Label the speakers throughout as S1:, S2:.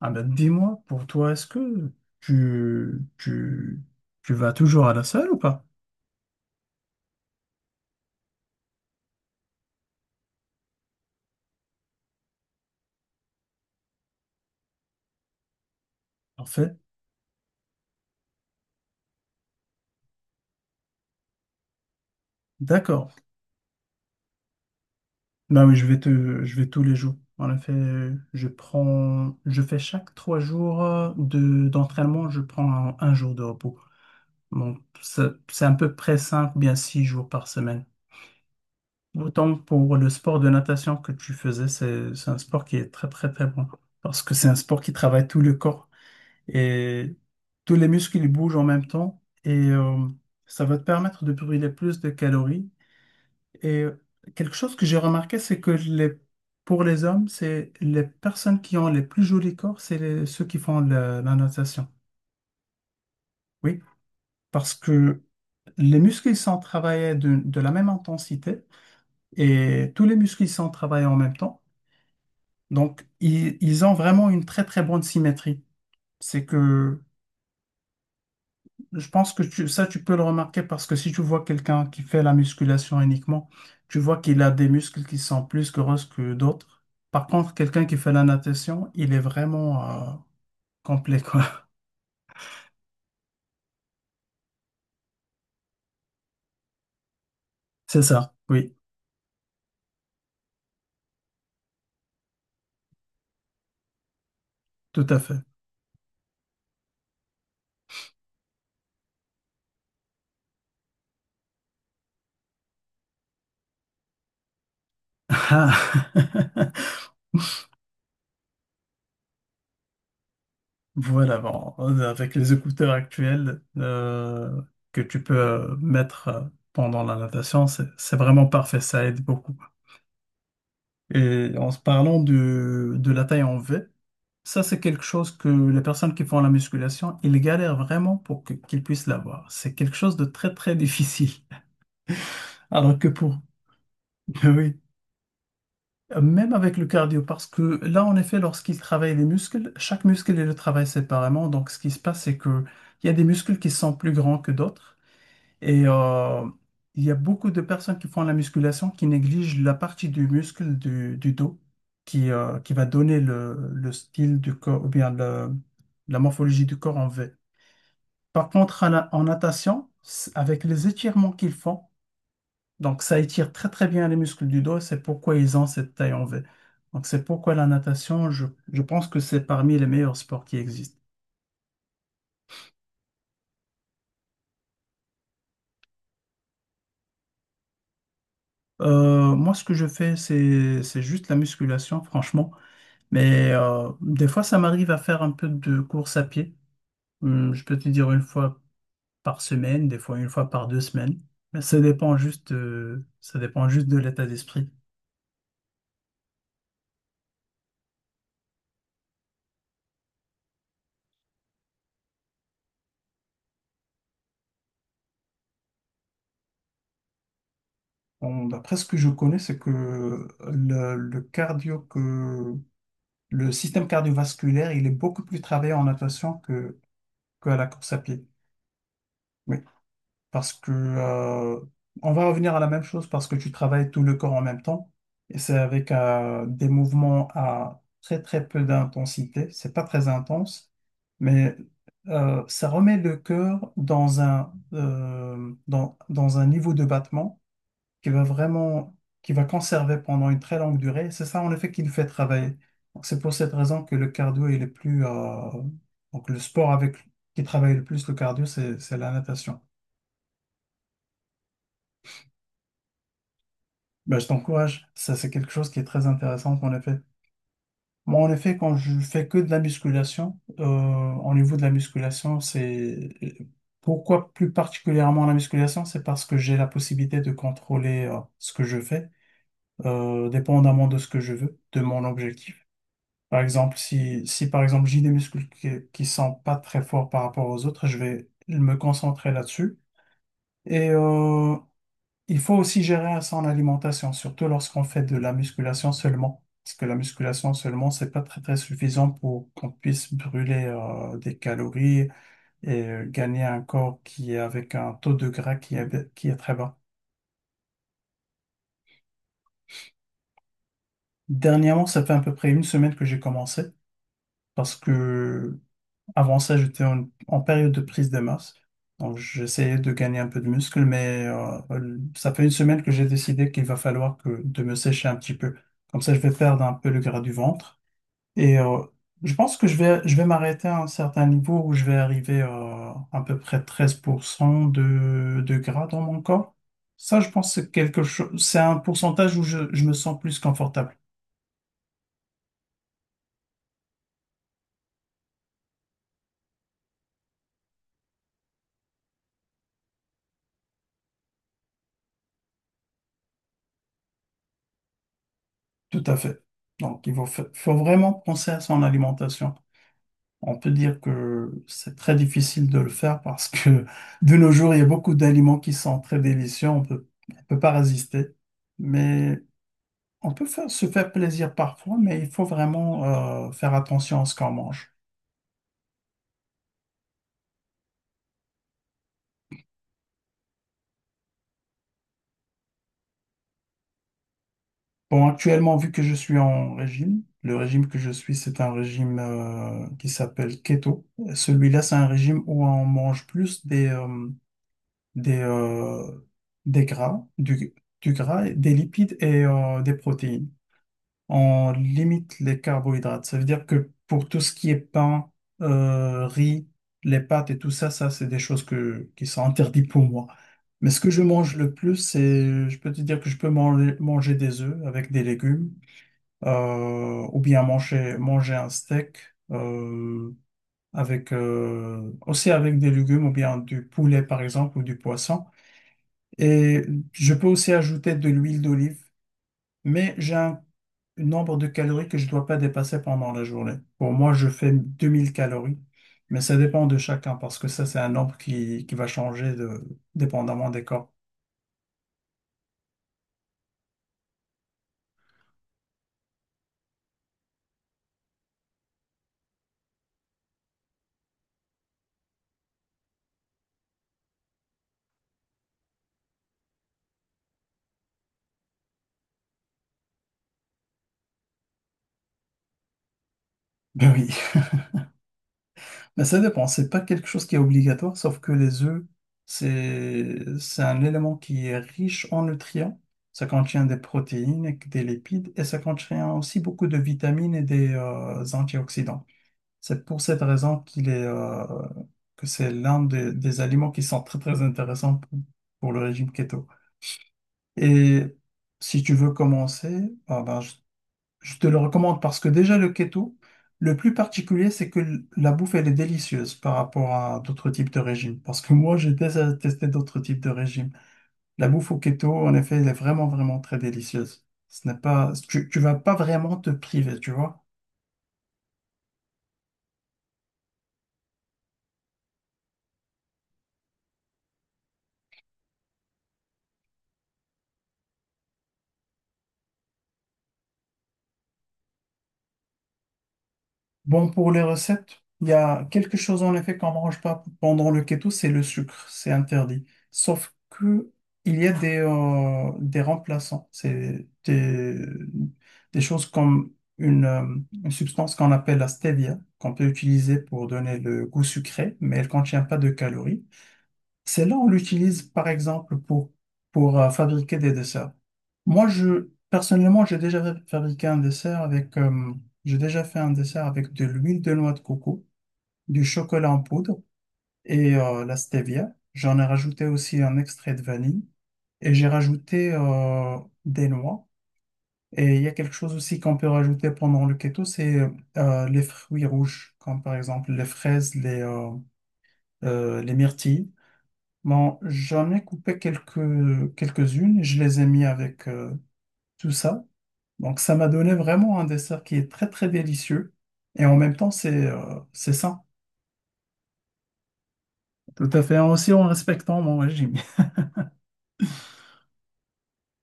S1: Ah ben, dis-moi, pour toi, est-ce que tu, tu, tu vas toujours à la salle ou pas? Parfait. D'accord. Ben oui, je vais tous les jours. En effet, je fais chaque trois jours d'entraînement, je prends un jour de repos. Bon, c'est à peu près cinq, bien six jours par semaine. Autant pour le sport de natation que tu faisais, c'est un sport qui est très, très, très bon. Parce que c'est un sport qui travaille tout le corps. Et tous les muscles ils bougent en même temps et ça va te permettre de brûler plus de calories. Et quelque chose que j'ai remarqué, c'est que pour les hommes, c'est les personnes qui ont les plus jolis corps, c'est ceux qui font la natation. Oui, parce que les muscles ils sont travaillés de la même intensité et tous les muscles ils sont travaillés en même temps. Donc, ils ont vraiment une très très bonne symétrie. C'est que je pense que ça, tu peux le remarquer parce que si tu vois quelqu'un qui fait la musculation uniquement, tu vois qu'il a des muscles qui sont plus grosses que d'autres. Par contre, quelqu'un qui fait la natation, il est vraiment complet, quoi. C'est ça, oui, tout à fait. Ah. Voilà, bon, avec les écouteurs actuels que tu peux mettre pendant la natation, c'est vraiment parfait, ça aide beaucoup. Et en se parlant de la taille en V, ça, c'est quelque chose que les personnes qui font la musculation, ils galèrent vraiment pour qu'ils puissent l'avoir. C'est quelque chose de très, très difficile. Alors que pour, oui, même avec le cardio, parce que là, en effet, lorsqu'ils travaillent les muscles, chaque muscle, il le travaille séparément. Donc, ce qui se passe, c'est que il y a des muscles qui sont plus grands que d'autres. Et il y a beaucoup de personnes qui font la musculation qui négligent la partie du muscle du dos qui va donner le style du corps ou bien la morphologie du corps en V. Par contre, en natation, avec les étirements qu'ils font, donc ça étire très très bien les muscles du dos, c'est pourquoi ils ont cette taille en V. Donc c'est pourquoi la natation, je pense que c'est parmi les meilleurs sports qui existent. Moi, ce que je fais, c'est juste la musculation, franchement. Mais des fois, ça m'arrive à faire un peu de course à pied. Je peux te dire une fois par semaine, des fois une fois par deux semaines. Mais ça dépend juste de l'état d'esprit. Bon, d'après ce que je connais, c'est que le cardio que le système cardiovasculaire, il est beaucoup plus travaillé en natation que à la course à pied. Oui, parce que on va revenir à la même chose parce que tu travailles tout le corps en même temps et c'est avec des mouvements à très très peu d'intensité. C'est pas très intense, mais ça remet le cœur dans un dans un niveau de battement qui va vraiment, qui va conserver pendant une très longue durée. C'est ça, en effet, qui nous fait travailler. Donc, c'est pour cette raison que le cardio il est le plus, donc le sport avec qui travaille le plus le cardio, c'est la natation. Ben, je t'encourage. Ça, c'est quelque chose qui est très intéressant, en effet. Moi, en effet, quand je fais que de la musculation, au niveau de la musculation, c'est pourquoi plus particulièrement la musculation, c'est parce que j'ai la possibilité de contrôler, ce que je fais, dépendamment de ce que je veux, de mon objectif. Par exemple, si par exemple j'ai des muscles qui sont pas très forts par rapport aux autres, je vais me concentrer là-dessus. Et il faut aussi gérer son alimentation, surtout lorsqu'on fait de la musculation seulement. Parce que la musculation seulement, c'est pas très très suffisant pour qu'on puisse brûler des calories et gagner un corps qui est avec un taux de gras qui est très bas. Dernièrement, ça fait à peu près une semaine que j'ai commencé parce que avant ça, j'étais en, en période de prise de masse. Donc, j'essayais de gagner un peu de muscle, mais ça fait une semaine que j'ai décidé qu'il va falloir que de me sécher un petit peu. Comme ça, je vais perdre un peu le gras du ventre. Et je pense que je vais m'arrêter à un certain niveau où je vais arriver à peu près 13% de gras dans mon corps. Ça, je pense que c'est quelque chose, c'est un pourcentage où je me sens plus confortable. Tout à fait. Donc, il faut, faut vraiment penser à son alimentation. On peut dire que c'est très difficile de le faire parce que de nos jours, il y a beaucoup d'aliments qui sont très délicieux, on peut pas résister. Mais on peut faire, se faire plaisir parfois, mais il faut vraiment faire attention à ce qu'on mange. Bon, actuellement, vu que je suis en régime, le régime que je suis, c'est un régime qui s'appelle keto. Celui-là, c'est un régime où on mange plus des, des, euh, des gras, du gras, des lipides et des protéines. On limite les carbohydrates. Ça veut dire que pour tout ce qui est pain, riz, les pâtes et tout ça, ça, c'est des choses que, qui sont interdites pour moi. Mais ce que je mange le plus, c'est, je peux te dire que je peux manger des œufs avec des légumes, ou bien manger un steak, euh, avec, aussi avec des légumes, ou bien du poulet, par exemple, ou du poisson. Et je peux aussi ajouter de l'huile d'olive mais j'ai un nombre de calories que je ne dois pas dépasser pendant la journée. Pour moi, je fais 2000 calories, mais ça dépend de chacun parce que ça, c'est un nombre qui va changer de, dépendamment des corps. Ben oui, mais ça dépend. C'est pas quelque chose qui est obligatoire, sauf que les œufs, c'est un élément qui est riche en nutriments. Ça contient des protéines, et des lipides et ça contient aussi beaucoup de vitamines et des antioxydants. C'est pour cette raison qu'il est, que c'est l'un des aliments qui sont très très intéressants pour le régime keto. Et si tu veux commencer, ah ben, je te le recommande parce que déjà le keto, le plus particulier, c'est que la bouffe, elle est délicieuse par rapport à d'autres types de régimes. Parce que moi, j'ai déjà testé d'autres types de régimes. La bouffe au keto, en effet, elle est vraiment vraiment très délicieuse. Ce n'est pas, tu vas pas vraiment te priver, tu vois. Bon, pour les recettes, il y a quelque chose en effet qu'on ne mange pas pendant le keto, c'est le sucre, c'est interdit. Sauf que il y a des remplaçants, c'est des choses comme une, euh, une substance qu'on appelle la stevia, qu'on peut utiliser pour donner le goût sucré, mais elle ne contient pas de calories. Celle-là, on l'utilise par exemple pour fabriquer des desserts. Moi, je, personnellement, j'ai déjà fabriqué un dessert avec, j'ai déjà fait un dessert avec de l'huile de noix de coco, du chocolat en poudre et la stevia. J'en ai rajouté aussi un extrait de vanille et j'ai rajouté des noix. Et il y a quelque chose aussi qu'on peut rajouter pendant le keto, c'est les fruits rouges, comme par exemple les fraises, les myrtilles. Bon, j'en ai coupé quelques, quelques-unes et je les ai mis avec tout ça. Donc, ça m'a donné vraiment un dessert qui est très, très délicieux. Et en même temps, c'est sain. Tout à fait. Aussi en respectant mon régime.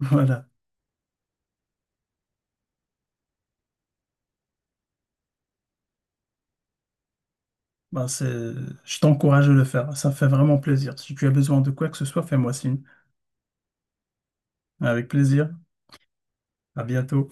S1: Voilà. Ben, c'est, je t'encourage à le faire. Ça fait vraiment plaisir. Si tu as besoin de quoi que ce soit, fais-moi signe. Avec plaisir. À bientôt.